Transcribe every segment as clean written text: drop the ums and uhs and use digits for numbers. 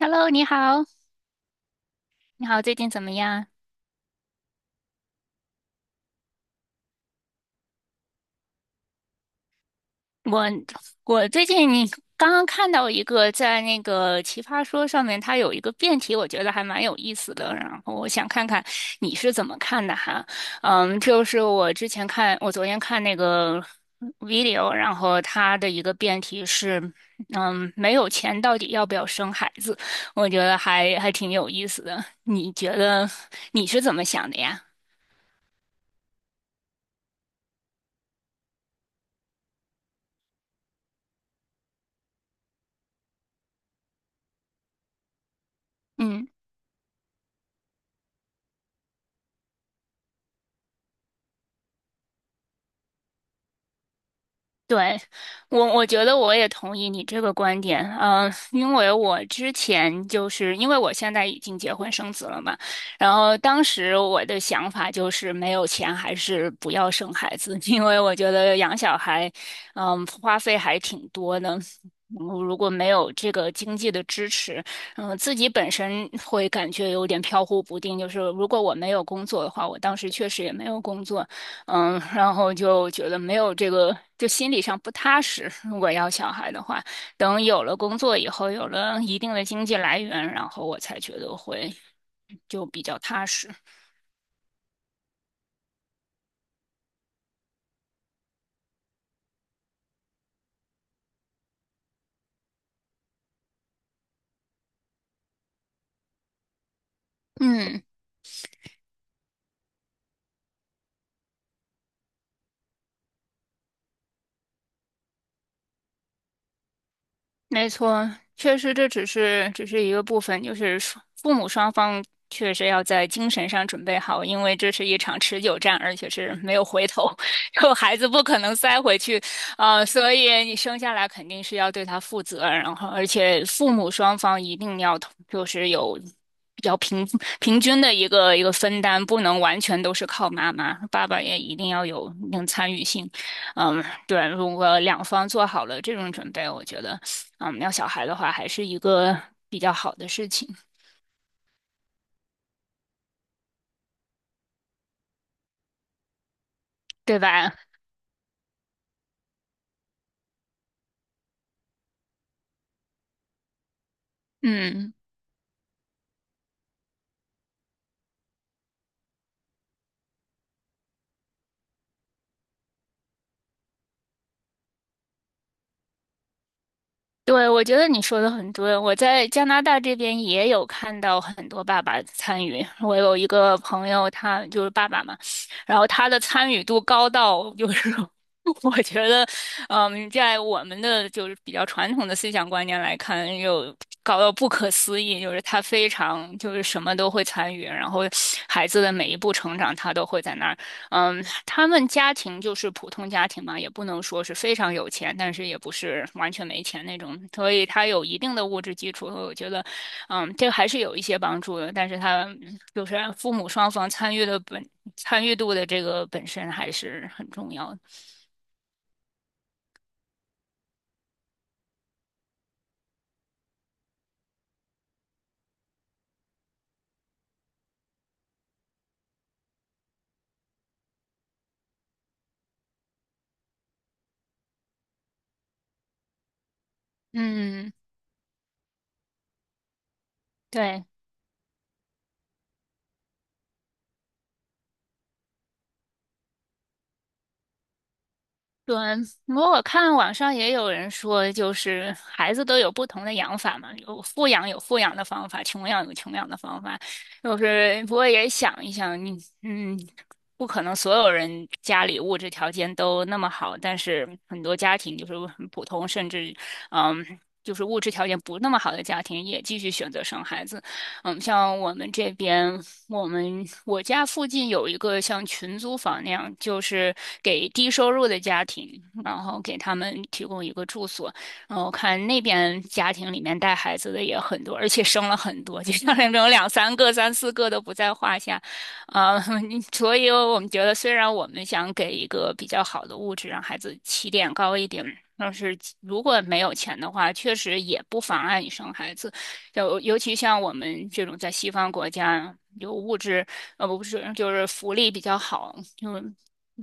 Hello，你好，你好，最近怎么样？我我最近你刚刚看到一个在那个奇葩说上面，它有一个辩题，我觉得还蛮有意思的。然后我想看看你是怎么看的哈。就是我昨天看那个 video，然后它的一个辩题是，没有钱到底要不要生孩子？我觉得还挺有意思的。你觉得你是怎么想的呀？嗯。对，我觉得我也同意你这个观点，嗯、因为我之前就是因为我现在已经结婚生子了嘛，然后当时我的想法就是没有钱还是不要生孩子，因为我觉得养小孩，花费还挺多的，如果没有这个经济的支持，自己本身会感觉有点飘忽不定，就是如果我没有工作的话，我当时确实也没有工作。然后就觉得没有这个，就心理上不踏实。如果要小孩的话，等有了工作以后，有了一定的经济来源，然后我才觉得就比较踏实。嗯，没错，确实这只是一个部分，就是父母双方确实要在精神上准备好，因为这是一场持久战，而且是没有回头，后孩子不可能塞回去，啊，所以你生下来肯定是要对他负责，然后而且父母双方一定要就是有比较平均的一个一个分担，不能完全都是靠妈妈，爸爸也一定要有一定参与性。嗯，对，如果两方做好了这种准备，我觉得，要小孩的话，还是一个比较好的事情，对吧？嗯。对，我觉得你说的很对。我在加拿大这边也有看到很多爸爸参与。我有一个朋友，他就是爸爸嘛，然后他的参与度高到就是 我觉得，在我们的就是比较传统的思想观念来看，又高到不可思议，就是他非常就是什么都会参与，然后孩子的每一步成长他都会在那儿。他们家庭就是普通家庭嘛，也不能说是非常有钱，但是也不是完全没钱那种，所以他有一定的物质基础，我觉得，这个还是有一些帮助的。但是他就是父母双方参与度的这个本身还是很重要的。嗯，对。对，我看网上也有人说，就是孩子都有不同的养法嘛，有富养有富养的方法，穷养有穷养的方法。就是不过也想一想，不可能所有人家里物质条件都那么好，但是很多家庭就是很普通，甚至嗯，就是物质条件不那么好的家庭也继续选择生孩子。像我们这边，我家附近有一个像群租房那样，就是给低收入的家庭，然后给他们提供一个住所。然后看那边家庭里面带孩子的也很多，而且生了很多，就像那种两三个、三四个都不在话下。啊。嗯，所以我们觉得，虽然我们想给一个比较好的物质，让孩子起点高一点。但是如果没有钱的话，确实也不妨碍你生孩子。就尤其像我们这种在西方国家，有物质不是就是福利比较好，就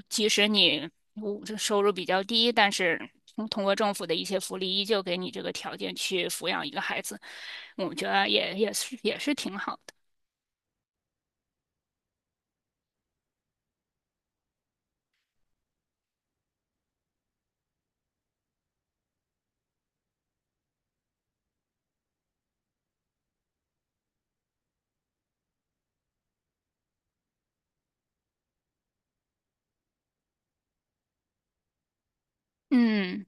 即使你物质收入比较低，但是通过政府的一些福利，依旧给你这个条件去抚养一个孩子，我觉得也是挺好的。嗯，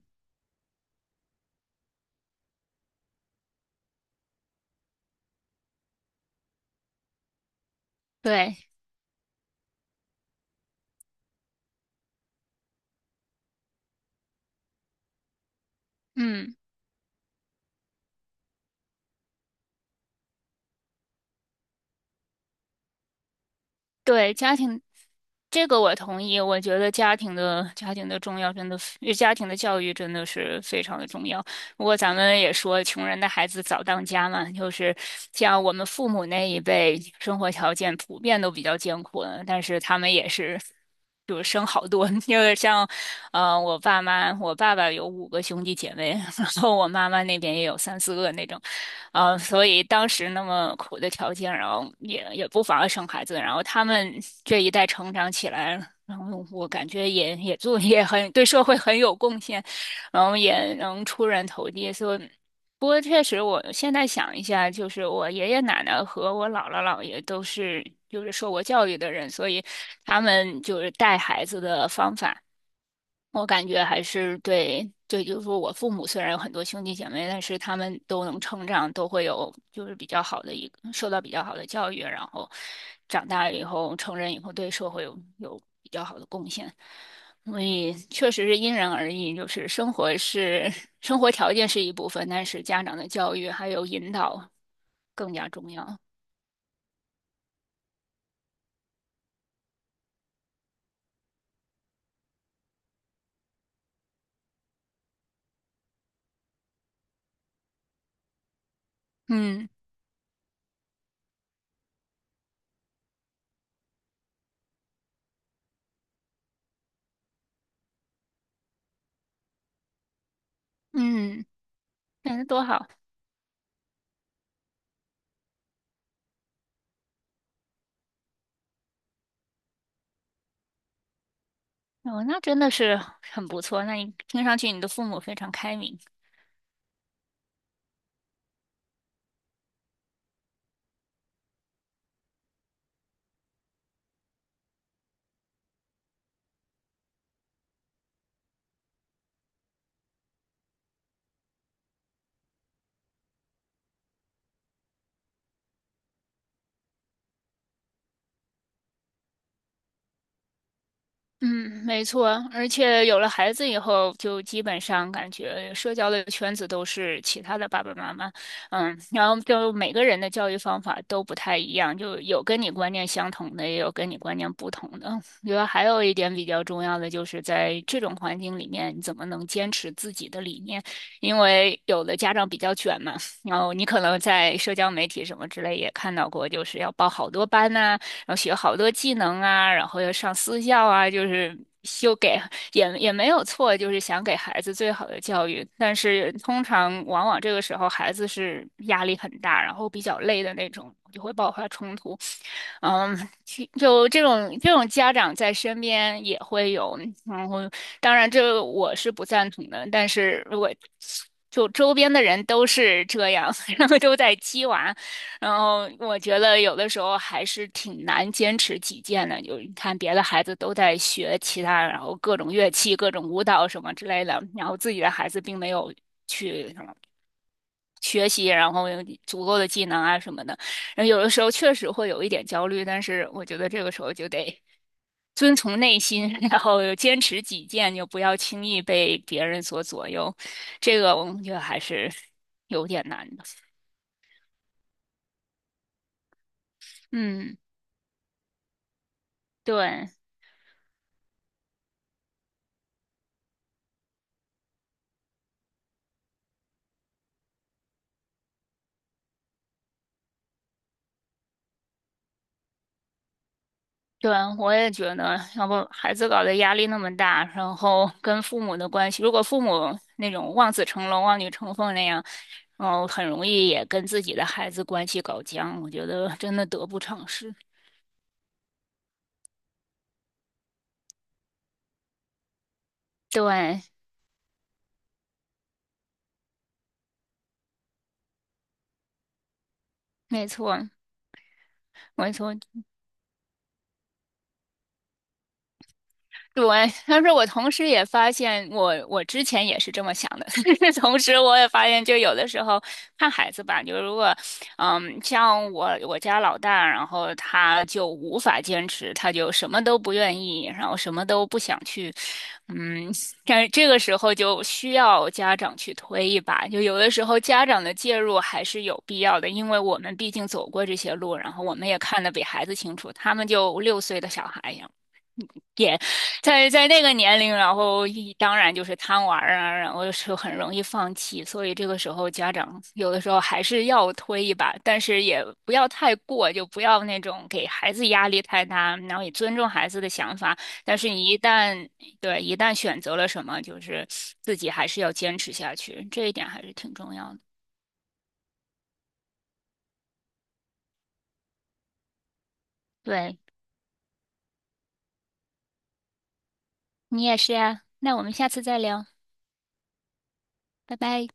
对，嗯。对，家庭，这个我同意。我觉得家庭的重要，真的非，家庭的教育真的是非常的重要。不过咱们也说，穷人的孩子早当家嘛，就是像我们父母那一辈，生活条件普遍都比较艰苦的，但是他们也是。就是生好多，因为像，我爸爸有五个兄弟姐妹，然后我妈妈那边也有三四个那种，啊，所以当时那么苦的条件，然后也不妨碍生孩子，然后他们这一代成长起来，然后我感觉也对社会很有贡献，然后也能出人头地。所以，不过确实，我现在想一下，就是我爷爷奶奶和我姥姥姥爷都是就是受过教育的人，所以他们就是带孩子的方法。我感觉还是对，对，就是说我父母虽然有很多兄弟姐妹，但是他们都能成长，都会有就是比较好的一个受到比较好的教育，然后长大以后成人以后对社会有比较好的贡献，所以确实是因人而异，就是生活是 生活条件是一部分，但是家长的教育还有引导更加重要。嗯嗯，那多好，哦，那真的是很不错。那你听上去你的父母非常开明。嗯，没错，而且有了孩子以后，就基本上感觉社交的圈子都是其他的爸爸妈妈，然后就每个人的教育方法都不太一样，就有跟你观念相同的，也有跟你观念不同的。我觉得还有一点比较重要的，就是在这种环境里面，你怎么能坚持自己的理念？因为有的家长比较卷嘛，然后你可能在社交媒体什么之类也看到过，就是要报好多班呐、然后学好多技能啊，然后要上私校啊，就是就给也没有错，就是想给孩子最好的教育。但是通常往往这个时候孩子是压力很大，然后比较累的那种，就会爆发冲突。嗯，就这种家长在身边也会有，然后当然这我是不赞同的，但是如果就周边的人都是这样，然后都在鸡娃，然后我觉得有的时候还是挺难坚持己见的。就你看别的孩子都在学其他，然后各种乐器、各种舞蹈什么之类的，然后自己的孩子并没有去学习，然后有足够的技能啊什么的。然后有的时候确实会有一点焦虑，但是我觉得这个时候就得 遵从内心，然后坚持己见，就不要轻易被别人所左右。这个我觉得还是有点难的。嗯，对。对，我也觉得，要不孩子搞得压力那么大，然后跟父母的关系，如果父母那种望子成龙、望女成凤那样，然后很容易也跟自己的孩子关系搞僵，我觉得真的得不偿失。对，没错，没错。对，但是我同时也发现我，我之前也是这么想的。同时，我也发现，就有的时候看孩子吧，就如果，像我家老大，然后他就无法坚持，他就什么都不愿意，然后什么都不想去，嗯，但这个时候就需要家长去推一把。就有的时候家长的介入还是有必要的，因为我们毕竟走过这些路，然后我们也看得比孩子清楚。他们就六岁的小孩，在那个年龄，然后当然就是贪玩儿啊，然后就是很容易放弃，所以这个时候家长有的时候还是要推一把，但是也不要太过，就不要那种给孩子压力太大，然后也尊重孩子的想法。但是你一旦，对，一旦选择了什么，就是自己还是要坚持下去，这一点还是挺重要的。对，你也是呀，那我们下次再聊，拜拜。